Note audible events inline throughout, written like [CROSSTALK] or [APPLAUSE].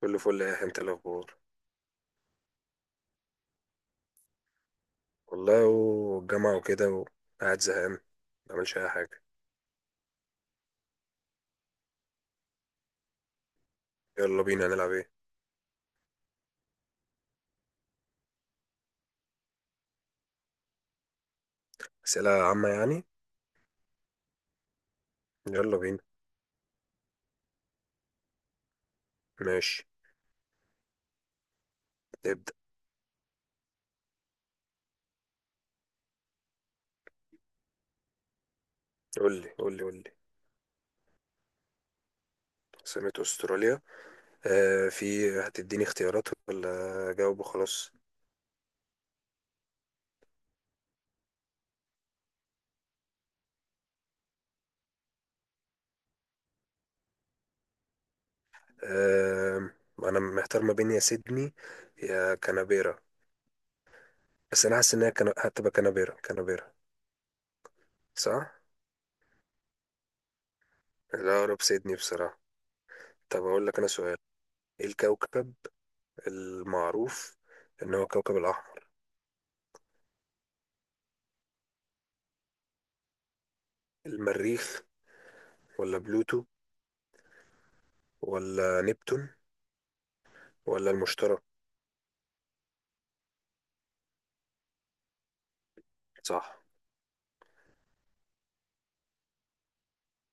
كله فل. يا انت إيه الاخبار؟ والله والجامعة وكده، وقاعد زهقان ما بعملش اي حاجة. يلا بينا نلعب. ايه، اسئلة عامة يعني؟ يلا بينا. ماشي، نبدأ. قول لي. عاصمة استراليا. آه، في هتديني اختيارات ولا اجاوب وخلاص؟ آه، انا محتار ما بين يا سيدني يا كانبيرا. بس انا حاسس ان هي هتبقى كانبيرا. صح. لا، اقرب سيدني بصراحة. طب اقول لك انا سؤال. ايه الكوكب المعروف إن هو كوكب الأحمر؟ المريخ، ولا بلوتو، ولا نبتون، ولا المشتري؟ صح.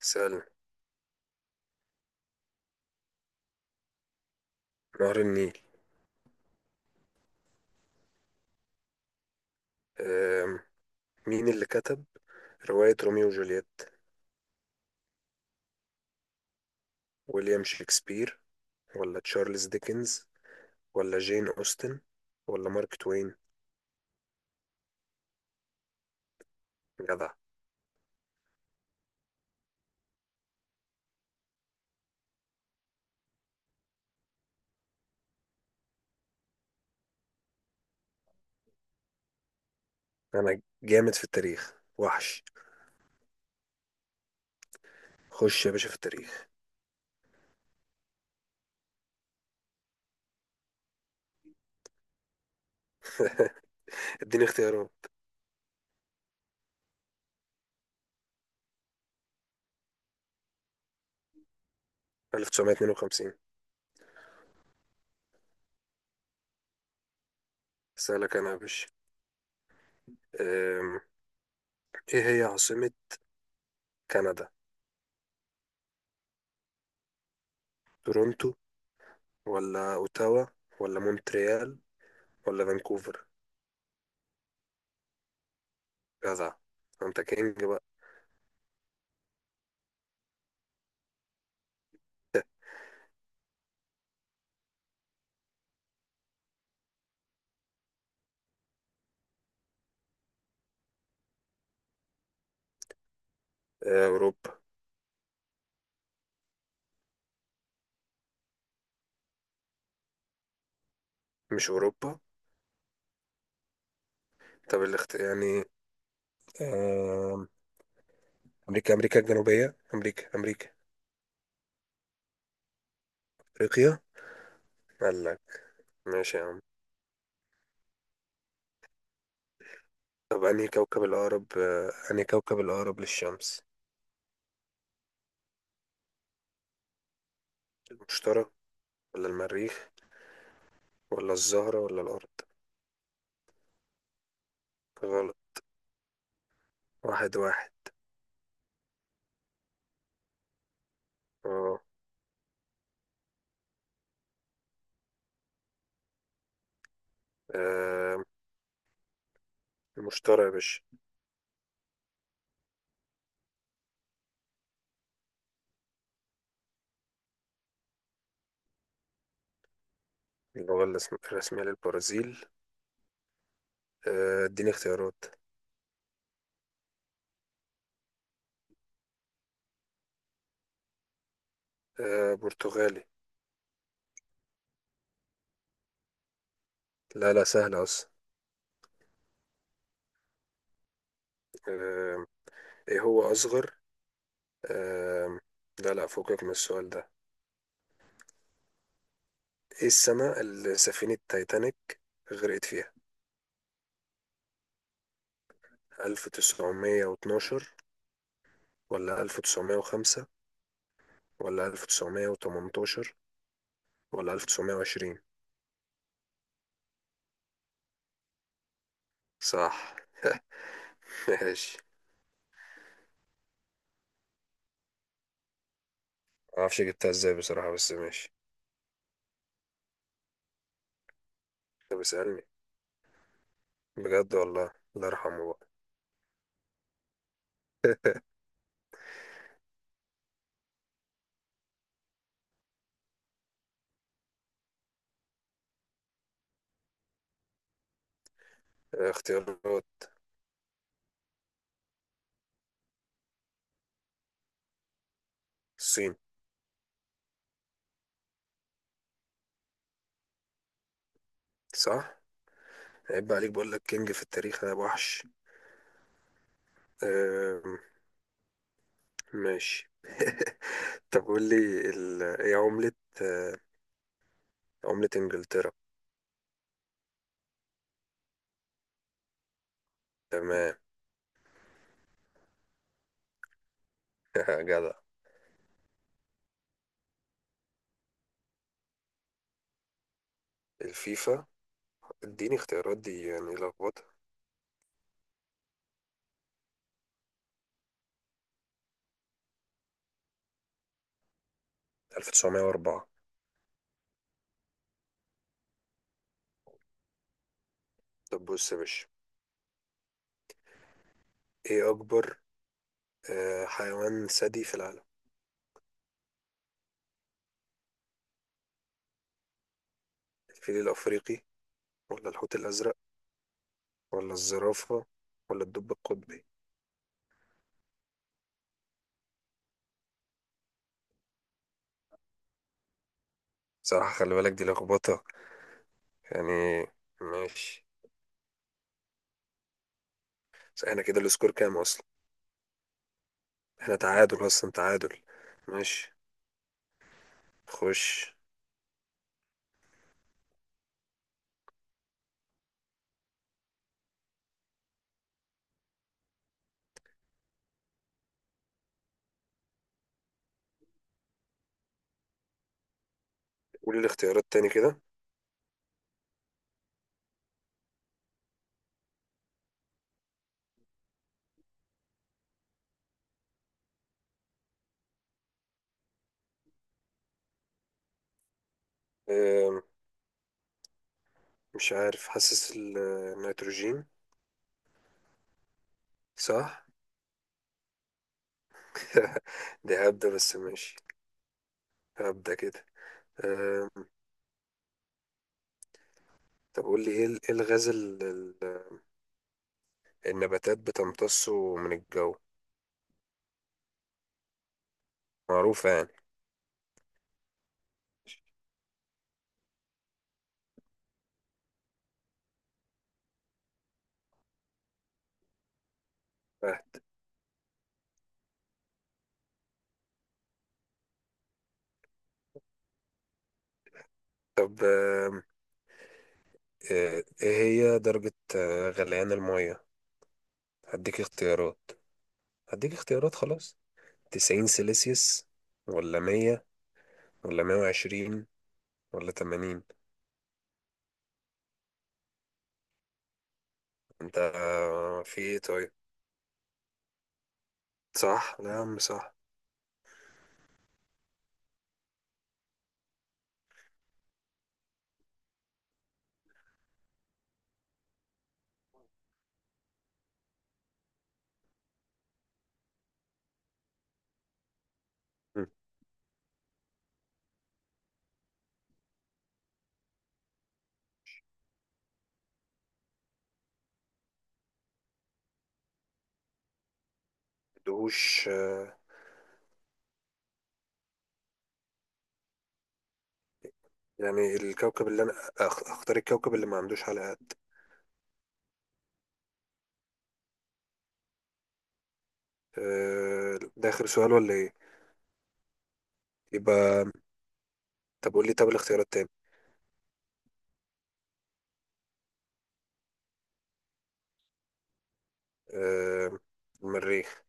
سأل. نهر النيل. أم، مين اللي كتب رواية روميو وجولييت؟ ويليام شكسبير، ولا تشارلز ديكنز، ولا جين أوستن، ولا مارك توين؟ جدع. أنا جامد في التاريخ وحش. خش يا باشا في التاريخ. اديني اختيارات. 1952. سألك أنا يا باشا. أم، إيه هي عاصمة كندا؟ تورونتو، ولا اوتاوا، ولا مونتريال، ولا فانكوفر؟ جدع، انت كينج بقى. اوروبا. مش اوروبا. طب يعني، آه، امريكا، امريكا الجنوبية، امريكا. افريقيا. قال لك. ماشي يا عم. طب انهي كوكب الاقرب، انهي كوكب الاقرب للشمس؟ المشتري، ولا المريخ، ولا الزهرة، ولا الارض؟ غلط. واحد واحد. اه. آه، المشتري يا باشا. اللغة الرسمية للبرازيل. اديني اختيارات. آه، برتغالي. لا لا، سهل أصلا. آه، إيه هو أصغر، آه لا لا، فوقك من السؤال ده. إيه السنة اللي سفينة تايتانيك غرقت فيها؟ ألف تسعمية واتناشر، ولا ألف تسعمية وخمسة، ولا ألف تسعمية وتمنتاشر، ولا ألف تسعمية وعشرين؟ صح. [LAUGHS] ماشي. معرفش جبتها إزاي بصراحة، بس ماشي. طب اسألني. بجد والله. الله يرحمه بقى. اختيارات. الصين. صح. عيب بقى عليك، بقول لك كينج في التاريخ أنا وحش. ماشي. [LAUGHS] طب قول لي، ايه عملة، آه، عملة انجلترا. تمام. [LAUGHS] جدع. الفيفا. اديني اختيارات، دي يعني لخبطة. 1904. طب بص يا باشا، ايه اكبر، حيوان ثدي في العالم؟ الفيل الافريقي، ولا الحوت الازرق، ولا الزرافة، ولا الدب القطبي؟ صراحة خلي بالك، دي لخبطة يعني. ماشي. بس احنا كده السكور كام اصلا؟ احنا تعادل اصلا، تعادل. ماشي. خش. قولي الاختيارات تاني كده. أم، مش عارف، حاسس النيتروجين. صح. [LAUGHS] دي هبدة بس، ماشي. هبدة كده. أم، طب قول لي، ايه إيه الغاز النباتات بتمتصه من الجو؟ معروفة يعني. فهد. طب ايه، إيه هي درجة غليان المية؟ هديك اختيارات. هديك اختيارات خلاص. تسعين سيلسيوس، ولا مية، ولا مية وعشرين، ولا تمانين؟ انت في ايه طيب؟ صح. لا يا عم، صح. عندهوش يعني الكوكب اللي انا اختار، الكوكب اللي ما عندوش حلقات. ده اخر سؤال ولا ايه؟ يبقى طب قول لي، طب الاختيارات تاني. آه، المريخ.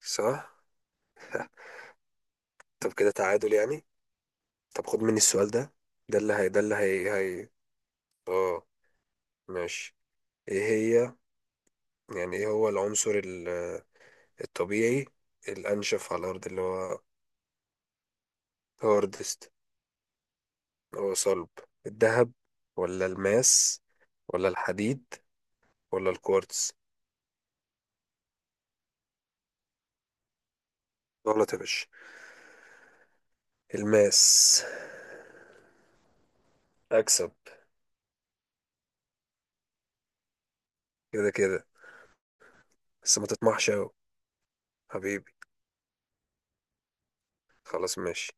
صح. طب كده تعادل يعني. طب خد مني السؤال ده. ده اللي هي هي. اه. ماشي. ايه هي، يعني ايه هو العنصر الطبيعي الانشف على الارض، اللي هو هاردست. هو صلب. الذهب، ولا الماس، ولا الحديد، ولا الكوارتز؟ غلط يا باشا. الماس. اكسب. كده كده، بس ما تطمحش اوي. حبيبي. خلاص، ماشي.